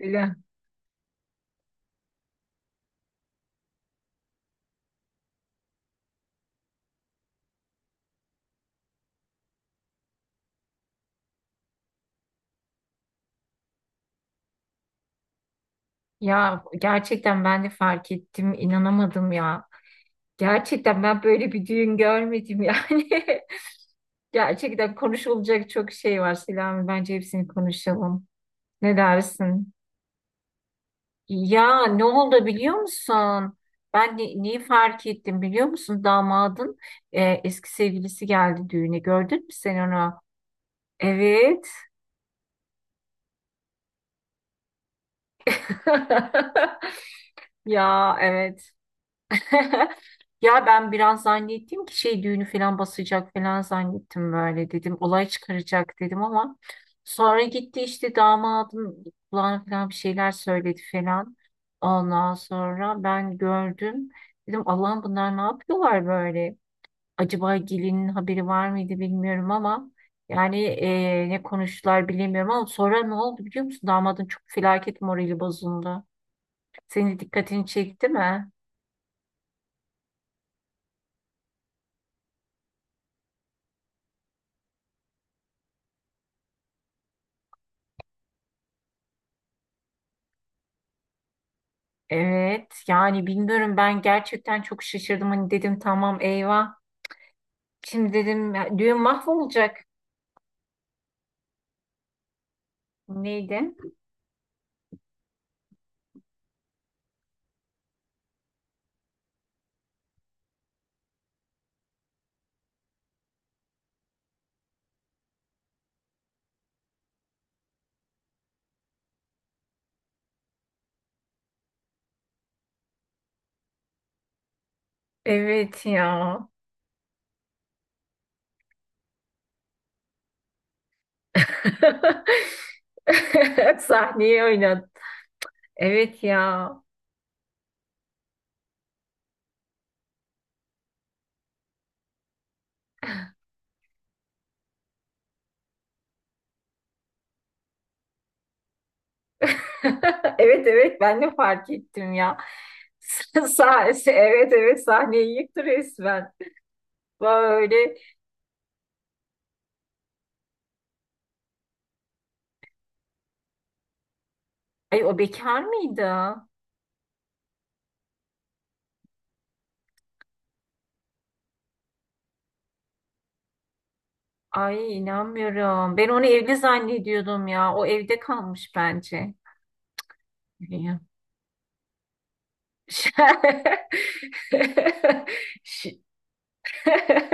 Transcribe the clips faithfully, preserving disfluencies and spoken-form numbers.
Öyle. Ya gerçekten ben de fark ettim, inanamadım ya. Gerçekten ben böyle bir düğün görmedim yani. Gerçekten konuşulacak çok şey var Selami. Bence hepsini konuşalım. Ne dersin? Ya ne oldu biliyor musun? Ben ne, neyi fark ettim biliyor musun? Damadın e, eski sevgilisi geldi düğüne. Gördün mü sen onu? Evet. Ya evet. Ya ben biraz zannettim ki şey düğünü falan basacak falan zannettim böyle dedim. Olay çıkaracak dedim ama sonra gitti işte damadın kulağına falan bir şeyler söyledi falan. Ondan sonra ben gördüm. Dedim Allah'ım bunlar ne yapıyorlar böyle? Acaba gelinin haberi var mıydı bilmiyorum ama yani eee, ne konuştular bilemiyorum ama sonra ne oldu biliyor musun? Damadın çok felaket morali bozuldu. Senin dikkatini çekti mi? Evet yani bilmiyorum ben gerçekten çok şaşırdım hani dedim tamam eyvah. Şimdi dedim ya, düğün mahvolacak. Neydi? Evet ya. Sahneye oynat. Evet ya. Evet evet ben de fark ettim ya. Sah evet evet sahneyi yıktı resmen. Böyle. Ay o bekar mıydı? Ay inanmıyorum. Ben onu evli zannediyordum ya. O evde kalmış bence. Ya. Ş- Ş-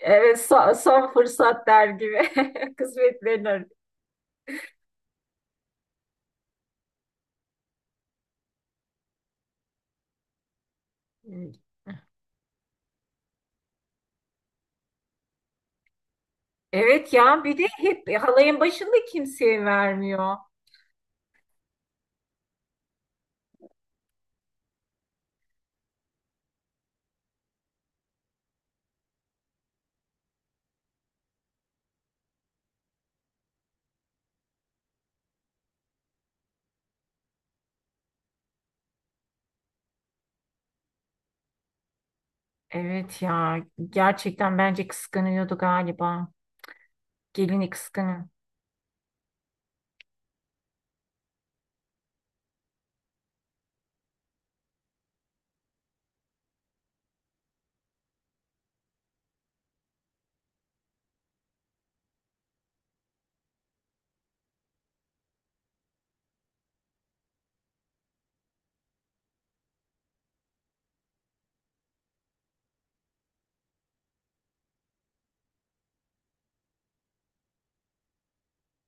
Evet son, son fırsat der gibi kısmetlerini. Evet ya bir de hep halayın başında kimseye vermiyor. Evet ya gerçekten bence kıskanıyordu galiba. Gelini kıskanıyor.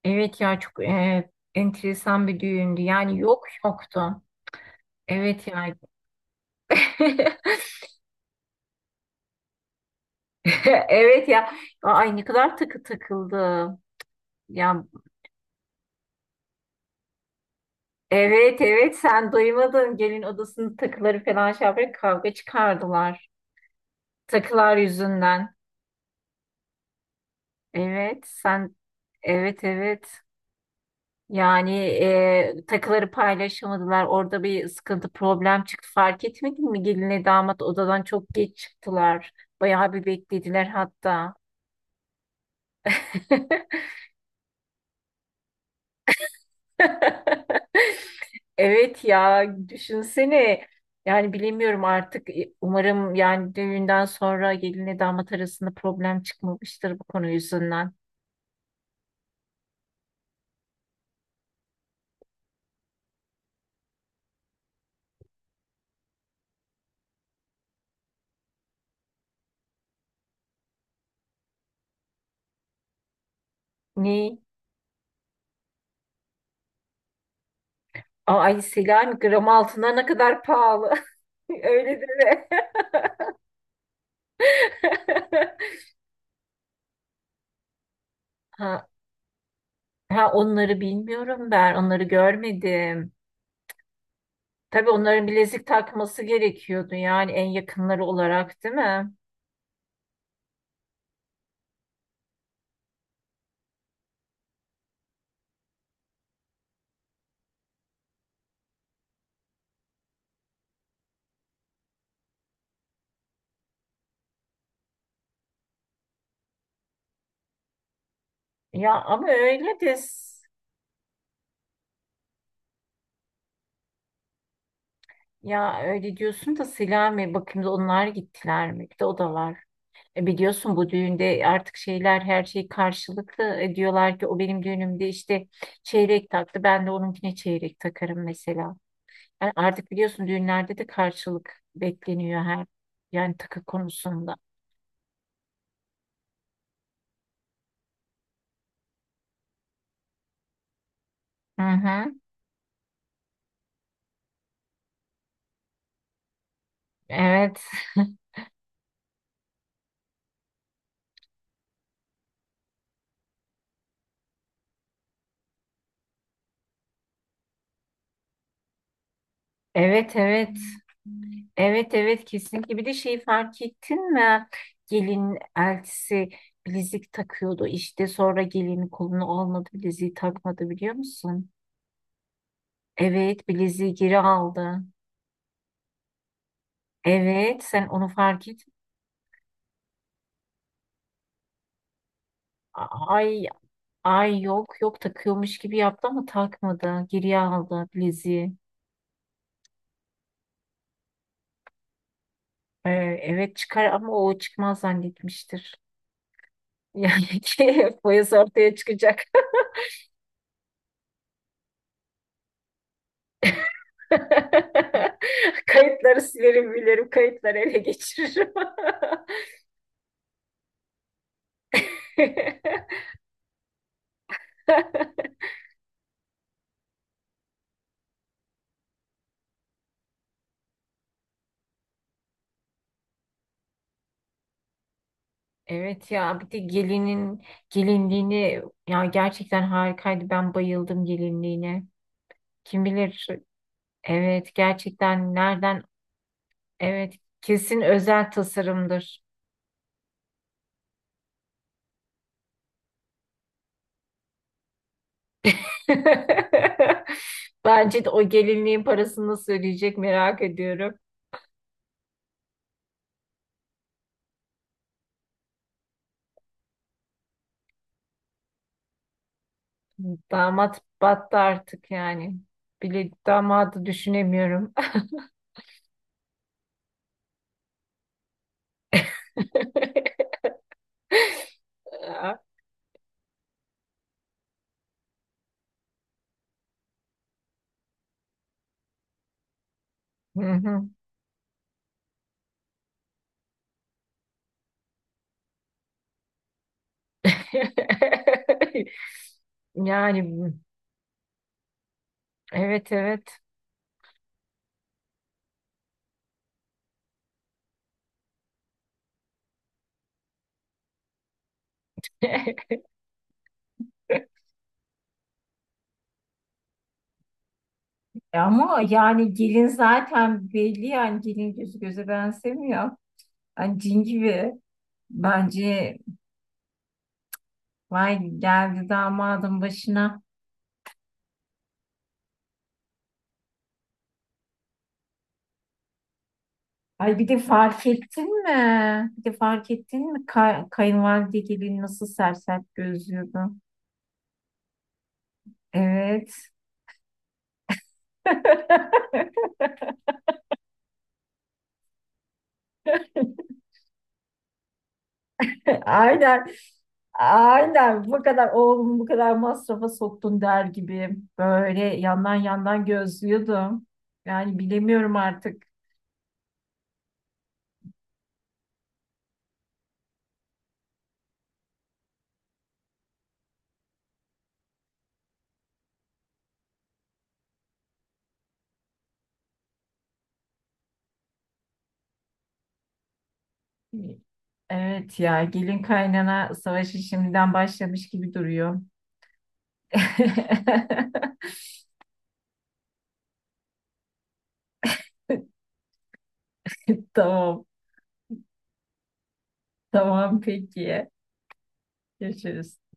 Evet ya çok e, enteresan bir düğündü. Yani yok yoktu. Evet ya. Evet ya. Ay ne kadar takı takıldı. Ya evet evet sen duymadın. Gelin odasının takıları falan şey yaparak kavga çıkardılar. Takılar yüzünden. Evet sen evet evet. Yani e, takıları paylaşamadılar. Orada bir sıkıntı, problem çıktı. Fark etmedin mi? Gelinle damat odadan çok geç çıktılar. Bayağı bir beklediler hatta. Evet ya düşünsene. Yani bilemiyorum artık. Umarım yani düğünden sonra gelinle damat arasında problem çıkmamıştır bu konu yüzünden. Ne? Ay Selen gram altına ne kadar pahalı. Öyle deme. Ha, ha onları bilmiyorum ben. Onları görmedim. Tabii onların bilezik takması gerekiyordu yani en yakınları olarak değil mi? Ya ama öyle de s- ya öyle diyorsun da Selami bakayım da onlar gittiler mi? Bir de o da var. E biliyorsun bu düğünde artık şeyler her şey karşılıklı. E diyorlar ki o benim düğünümde işte çeyrek taktı. Ben de onunkine çeyrek takarım mesela. Yani artık biliyorsun düğünlerde de karşılık bekleniyor her yani takı konusunda. Hı hı. Evet. Evet evet. Evet evet kesinlikle. Bir de şeyi fark ettin mi? Gelin eltisi bilezik takıyordu işte sonra gelinin kolunu almadı bileziği takmadı biliyor musun? Evet bileziği geri aldı. Evet sen onu fark et. Ay ay yok yok takıyormuş gibi yaptı ama takmadı. Geriye aldı bileziği. Ee, evet çıkar ama o çıkmaz zannetmiştir. Yani ki boyası ortaya çıkacak. Kayıtları silerim bilirim, kayıtları ele geçiririm. Evet ya bir de gelinin gelinliğini ya gerçekten harikaydı. Ben bayıldım gelinliğine. Kim bilir evet gerçekten nereden evet kesin özel tasarımdır. Bence de o gelinliğin parasını nasıl ödeyecek merak ediyorum. Damat battı artık yani. Bile damadı düşünemiyorum. Hı hı. Yani evet evet. Ama yani gelin zaten belli yani gelin gözü göze benzemiyor. Yani cin gibi. Bence vay geldi damadın başına. Ay bir de fark ettin mi? Bir de fark ettin mi? Ka kayınvalide gelin nasıl sersert gözlüyordu. Evet. Aynen. Aynen bu kadar oğlumu bu kadar masrafa soktun der gibi böyle yandan yandan gözlüyordum. Yani bilemiyorum artık. Evet ya gelin kaynana savaşı şimdiden başlamış gibi duruyor. Tamam. Tamam peki. Görüşürüz.